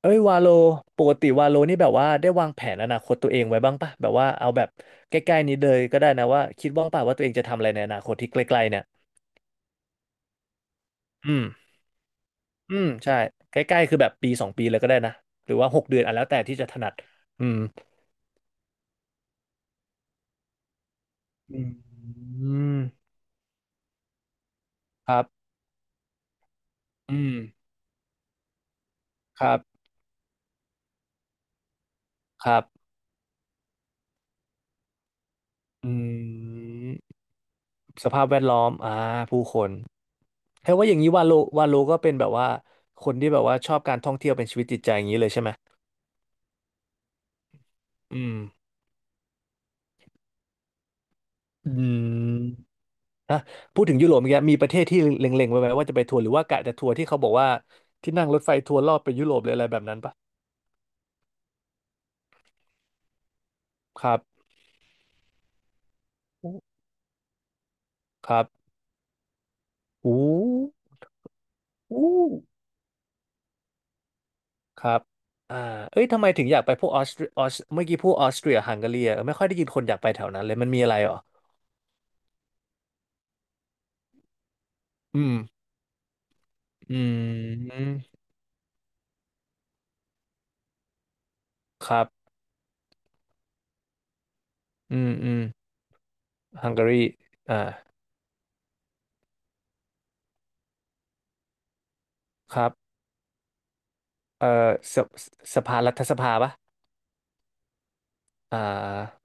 เอ้ยวาโลปกติวาโลนี่แบบว่าได้วางแผนอนาคตตัวเองไว้บ้างปะแบบว่าเอาแบบใกล้ๆนี้เลยก็ได้นะว่าคิดว่างปะว่าตัวเองจะทำอะไรในอนาคตที่ใกล้ๆเนี่ยอืมอืมใช่ใกล้ๆคือแบบปีสองปีเลยก็ได้นะหรือว่า6 เดือนอ่ะแล้วแต่ที่จะถนัดอืมอืมครับอืมครับครับอืมสภาพแวดล้อมอ่าผู้คนแค่ว่าอย่างนี้วาโลก็เป็นแบบว่าคนที่แบบว่าชอบการท่องเที่ยวเป็นชีวิตจิตใจอย่างนี้เลยใช่ไหมอืมอืม ฮะพูดถึงยุโรปเมื่อกี้มีประเทศที่เล็งๆไว้ไหมว่าจะไปทัวร์หรือว่ากะจะทัวร์ที่เขาบอกว่าที่นั่งรถไฟทัวร์รอบไปยุโรปหรืออะไรแบบนั้นปะครับอู้ครับอู้อู้ครับอ่าเอ้ยทำไมถึงอยากไปพวกออสเตรียออสเมื่อกี้พูดออสเตรียฮังการีอะไม่ค่อยได้ยินคนอยากไปแถวนั้นเลยมันมีอะไรเหรออืมอืมครับอืมอืมฮังการีอ่าครับเอ่อสสสภารัฐสภาปะอ่า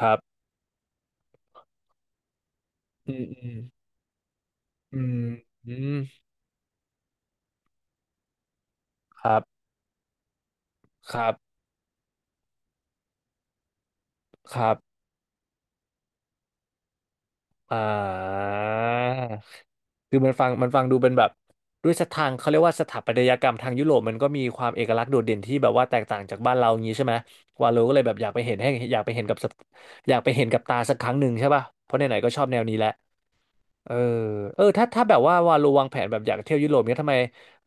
ครับอืมอืมอืมอืมครับ ครับครับอ่าคือมันฟังดูเป็นแบบด้วยสถางเขาเรียกว่าสถาปัตยกรรมทางยุโรปมันก็มีความเอกลักษณ์โดดเด่นที่แบบว่าแตกต่างจากบ้านเราอย่างนี้ใช่ไหมวาโลก็เลยแบบอยากไปเห็นให้อยากไปเห็นกับสักอยากไปเห็นกับตาสักครั้งหนึ่งใช่ป่ะเพราะไหนๆก็ชอบแนวนี้แหละเออเออถ้าแบบว่าวาโลวางแผนแบบอยากเที่ยวยุโรปเนี้ยทำไม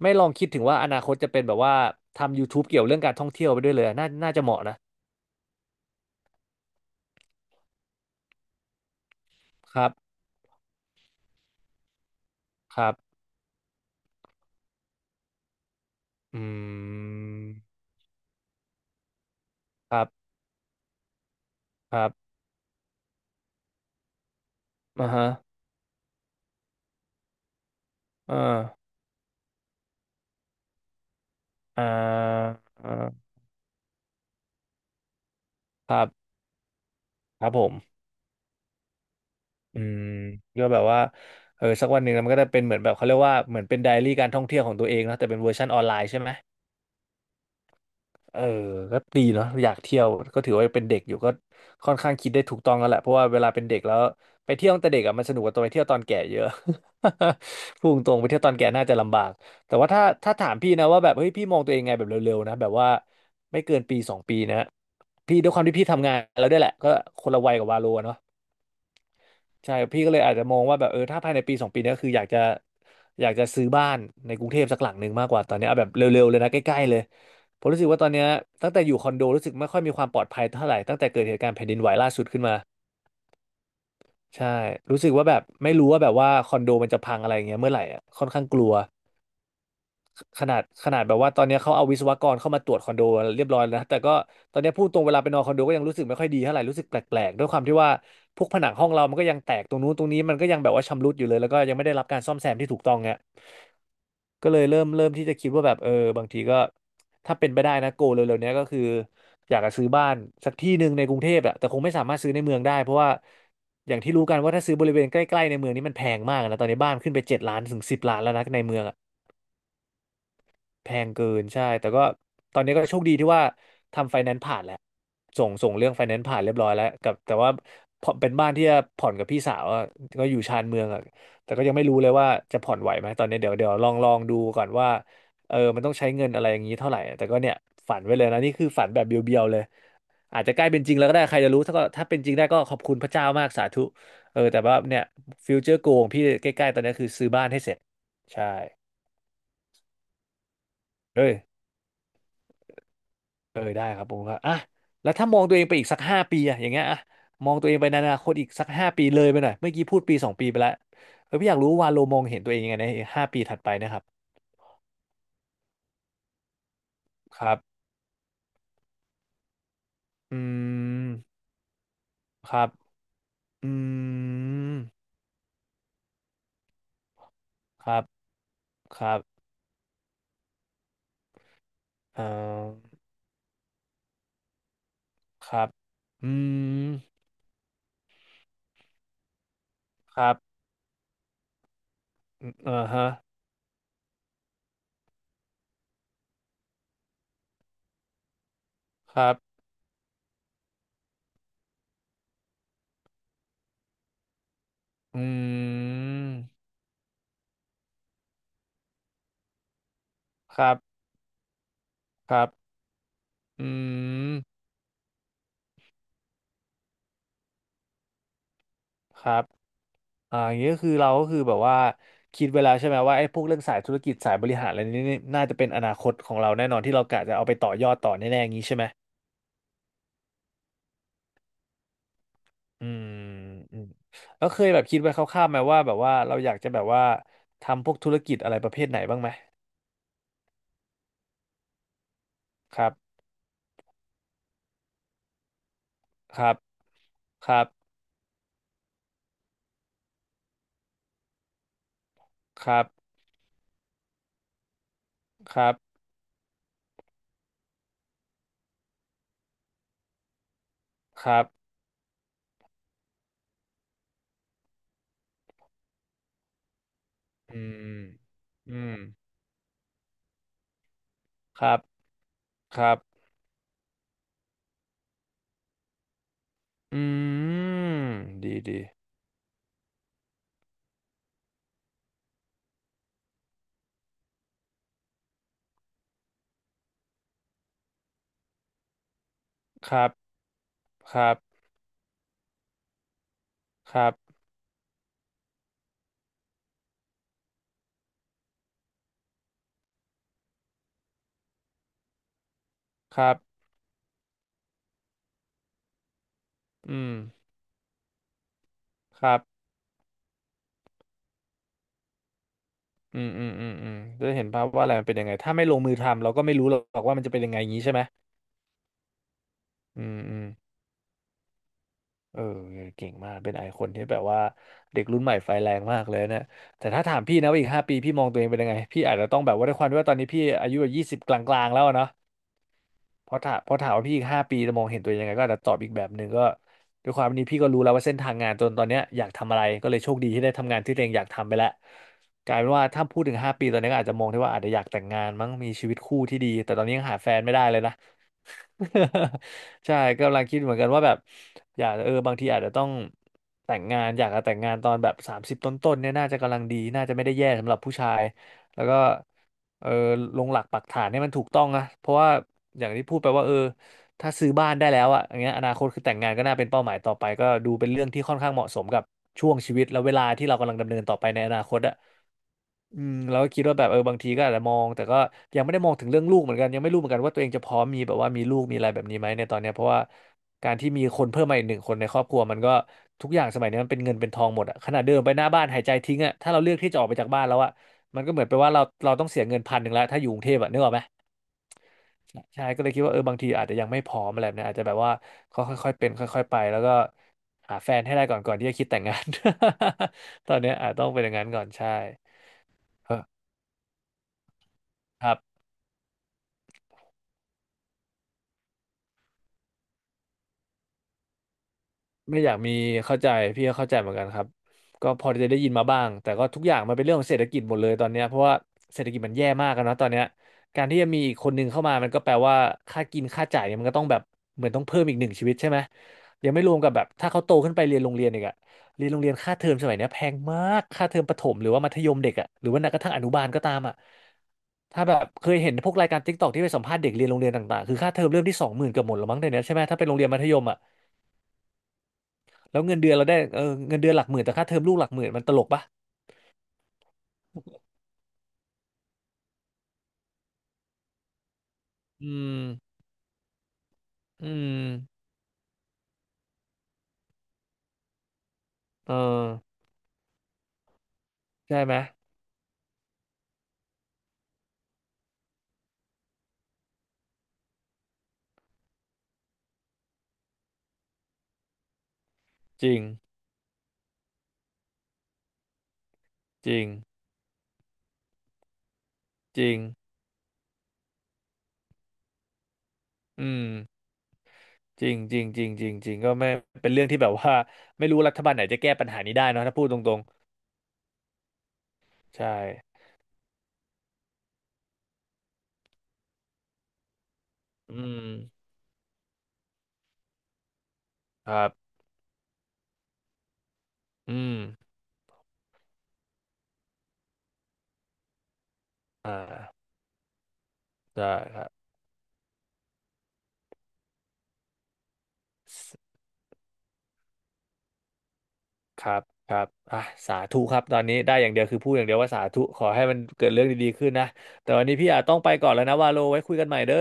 ไม่ลองคิดถึงว่าอนาคตจะเป็นแบบว่าทำยู u ูบ e เกี่ยวเรื่องการท่องเที่ยวไปด้วยเลยอะน่าจะเหมาะนะครับครับอืมครับครับ อ่าฮะอ่าอ่าอ่าครับ ครับผมอืมก็แบบว่าเออสักวันหนึ่งมันก็จะเป็นเหมือนแบบ เขาเรียกว่า เหมือนเป็นไดอารี่การท่องเที่ยวของตัวเองเนอะแต่เป็นเวอร์ชันออนไลน์ใช่ไหม เออก็ดีเนาะอยากเที่ยวก็ถือว่าเป็นเด็กอยู่ก็ค่อนข้างคิดได้ถูกต้องแล้วแหละเพราะว่าเวลาเป็นเด็กแล้วไปเที่ยวตั้งแต่เด็กอะมันสนุกกว่าตอนไปเที่ยวตอนแก่เยอะ พูดตรงๆไปเที่ยวตอนแก่น่าจะลำบากแต่ว่าถ้าถามพี่นะว่าแบบเฮ้ยพี่มองตัวเองไงแบบเร็วๆนะแบบว่าไม่เกินปีสองปีนะพี่ด้วยความที่พี่ทำงานแล้วด้วยแหละก็คนละวัยกับวาโลอะเนาะ ใช่พี่ก็เลยอาจจะมองว่าแบบเออถ้าภายในปีสองปีเนี้ยคืออยากจะซื้อบ้านในกรุงเทพสักหลังหนึ่งมากกว่าตอนเนี้ยเอาแบบเร็วๆเลยนะใกล้ๆเลยผมรู้สึกว่าตอนเนี้ยตั้งแต่อยู่คอนโดรู้สึกไม่ค่อยมีความปลอดภัยเท่าไหร่ตั้งแต่เกิดเหตุการณ์แผ่นดินไหวล่าสุดขึ้นมาใช่รู้สึกว่าแบบไม่รู้ว่าแบบว่าคอนโดมันจะพังอะไรอย่างเงี้ยเมื่อไหร่อ่ะค่อนข้างกลัว ขนาดแบบว่าตอนเนี้ยเขาเอาวิศวกรเข้ามาตรวจคอนโดเรียบร้อยแล้วนะแต่ก็ตอนเนี้ยพูดตรงเวลาไปนอนคอนโดก็ยังรู้สึกไม่ค่อยดีเท่าไหร่รู้สึกแปลกๆด้วยความที่ว่าพวกผนังห้องเรามันก็ยังแตกตรงนู้นตรงนี้มันก็ยังแบบว่าชำรุดอยู่เลยแล้วก็ยังไม่ได้รับการซ่อมแซมที่ถูกต้องเนี่ยก็เลยเริ่มที่จะคิดว่าแบบเออบางทีก็ถ้าเป็นไปได้นะโกเร็วๆเนี้ยก็คืออยากจะซื้อบ้านสักที่หนึ่งในกรุงเทพอะแต่คงไม่สามารถซื้อในเมืองได้เพราะว่าอย่างที่รู้กันว่าถ้าซื้อบริเวณใกล้ๆในเมืองนี่มันแพงมากนะตอนนี้บ้านขึ้นไป7 ล้านถึง10 ล้านแล้วนะในเมืองอะ แพงเกินใช่แต่ก็ตอนนี้ก็โชคดีที่ว่าทำไฟแนนซ์ผ่านแล้วส่งเรื่องไฟแนนซ์ผ่านเรียบร้อยแล้วกับแต่ว่าพอเป็นบ้านที่จะผ่อนกับพี่สาวอะก็อยู่ชานเมืองอะแต่ก็ยังไม่รู้เลยว่าจะผ่อนไหวไหมตอนนี้เดี๋ยวลองดูก่อนว่ามันต้องใช้เงินอะไรอย่างนี้เท่าไหร่อะแต่ก็เนี่ยฝันไว้เลยนะนี่คือฝันแบบเบียวๆเลยอาจจะใกล้เป็นจริงแล้วก็ได้ใครจะรู้ถ้าถ้าเป็นจริงได้ก็ขอบคุณพระเจ้ามากสาธุแต่ว่าเนี่ยฟิวเจอร์โกของพี่ใกล้ๆตอนนี้คือซื้อบ้านให้เสร็จใช่เอ้ย ได้ครับผมครับอ่ะแล้วถ้ามองตัวเองไปอีกสักห้าปีอะอย่างเงี้ยอะมองตัวเองไปในอนาคตอีกสักห้าปีเลยไปหน่อยเมื่อกี้พูด1-2 ปีไปแล้วพี่อยากรู้ว่าโลมองเห็นตัวเองยังไงในห้าปีถัดไปนะครับครับอืมครับอืมครับครับเอ่อครับอืมครับเออฮะครับอืมครับครับอืมครับ อ่าอย่างนี้ก็คือเราก็คือแบบว่าคิดเวแลาใช่ไหมว่าไอ้พวกเรื่องสายธุรกิจสายบริหารอะไรนี้นี่น่าจะเป็นอนาคตของเราแน่นอนที่เรากะจะเอาไปต่อยอดต่อแน่ๆอย่างนี้ใช่ไหมอืมอืมแล้วเคยแบบคิดไว้คร่าวๆไหมว่าแบบว่าเราอยากจะแบบว่าทำพวกธุรกิจอะไรประเภทไหนบ้างไหมครับครับครับครับครับครับอืมอืมครับครับอืมดีดีครับครับครับครับอืมครับ อืมอืมอืมอืมจะได้เห็นภาพว่าอะไรมันเป็นยังไงถ้าไม่ลงมือทำเราก็ไม่รู้หรอกว่ามันจะเป็นยังไงอย่างนี้ใช่ไหมอืมอืม เออเก่งมากเป็นไอคอนที่แบบว่าเด็กรุ่นใหม่ไฟแรงมากเลยนะแต่ถ้าถามพี่นะว่าอีกห้าปีพี่มองตัวเองเป็นยังไงพี่อาจจะต้องแบบว่าด้วยความที่ว่าตอนนี้พี่อายุแบบ20กลางๆแล้วอะเนาะเพราะถามว่าพี่อีกห้าปีจะมองเห็นตัวเองยังไงก็อาจจะตอบอีกแบบหนึ่งก็ด้วยความนี้พี่ก็รู้แล้วว่าเส้นทางงานจนตอนเนี้ยอยากทำอะไรก็เลยโชคดีที่ได้ทำงานที่ตัวเองอยากทำไปแล้วกลายเป็นว่าถ้าพูดถึงห้าปีตอนนี้ก็อาจจะมองได้ว่าอาจจะอยากแต่งงานมั้งมีชีวิตคู่ที่ดีแต่ตอนนี้ยังหาแฟนไม่ได้เลยนะ ใช่กำลังคิดเหมือนกันว่าแบบอยากบางทีอาจจะต้องแต่งงานอยากจะแต่งงานตอนแบบ30ต้นๆเนี่ยน่าจะกำลังดีน่าจะไม่ได้แย่สำหรับผู้ชายแล้วก็เออลงหลักปักฐานให้มันถูกต้องนะเพราะว่าอย่างที่พูดไปว่าถ้าซื้อบ้านได้แล้วอ่ะอย่างเงี้ยอนาคตคือแต่งงานก็น่าเป็นเป้าหมายต่อไปก็ดูเป็นเรื่องที่ค่อนข้างเหมาะสมกับช่วงชีวิตและเวลาที่เรากำลังดำเนินต่อไปในอนาคตอ่ะอืมเราก็คิดว่าแบบบางทีก็อาจจะมองแต่ก็ยังไม่ได้มองถึงเรื่องลูกเหมือนกันยังไม่รู้เหมือนกันว่าตัวเองจะพร้อมมีแบบว่ามีลูกมีอะไรแบบนี้ไหมในตอนเนี้ยเพราะว่าการที่มีคนเพิ่มมาอีก1 คนในครอบครัวมันก็ทุกอย่างสมัยนี้มันเป็นเงินเป็นทองหมดอ่ะขนาดเดินไปหน้าบ้านหายใจทิ้งอ่ะถ้าเราเลือกที่จะออกไปจากบ้านแล้วอ่ะมันก็เหมือนไปว่าเราต้องเสียเงิน1,000แล้วถ้าอยู่กรุงเทพอะนึกออกไหม ใช่ก็เลยคิดว่าบางทีอาจจะยังไม่พร้อมอะไรแบบนี้อาจจะแบบว่าค่อยค่อยๆเป็นค่อยๆไปแล้วก็หาแฟนให้ได้ก่อนที่จะคิดแต่งงาน ตอนเนี้ยอาจต้องเป็นอย่างนั้นก่อนใช่เออครับ ไม่อยากมีเข้าใจพี่ก็เข้าใจเหมือนกันครับก็พอจะได้ยินมาบ้างแต่ก็ทุกอย่างมันเป็นเรื่องของเศรษฐกิจหมดเลยตอนเนี้ยเพราะว่าเศรษฐกิจมันแย่มากกันนอะตอนเนี้ยการที่จะมีอีก 1 คนเข้ามามันก็แปลว่าค่ากินค่าจ่ายเนี่ยมันก็ต้องแบบเหมือนต้องเพิ่มอีก 1 ชีวิตใช่ไหมยังไม่รวมกับแบบถ้าเขาโตขึ้นไปเรียนโรงเรียนอีกอะเรียนโรงเรียนค่าเทอมสมัยเนี้ยแพงมากค่าเทอมประถมหรือว่ามัธยมเด็กอะหรือว่าแม้กระทั่งอนุบาลก็ตามอะถ้าแบบเคยเห็นพวกรายการ TikTokที่ไปสัมภาษณ์เด็กเรียนโรงเรียนต่างๆคือค่าเทอมเริ่มที่20,000เกือบหมดแล้วมั้งเดี๋ยวนี้ใช่ไหมถ้าเป็นโรงเรียนมัธยมอะ แล้วเงินเดือนเราได้เงินเดือนหลักหมื่นแต่ค่าเทอมลูกหลักหมื่นมันตลกปะอืมอืมเออใช่ไหมจริง จริง จริงอืมจริงจริงจริงจริงจริงก็ไม่เป็นเรื่องที่แบบว่า ไม่รู้รัฐบาลไหนจะแก้ปัญหานี้ได้เนอะถ้าพูดตรงๆใช่อืมครับอืมอ่าได้ครับสครับครับอ่ะสาธุครับตอนนี้ได้อย่างเดียวคือพูดอย่างเดียวว่าสาธุขอให้มันเกิดเรื่องดีๆขึ้นนะแต่วันนี้พี่อาจต้องไปก่อนแล้วนะว่าโลไว้คุยกันใหม่เด้อ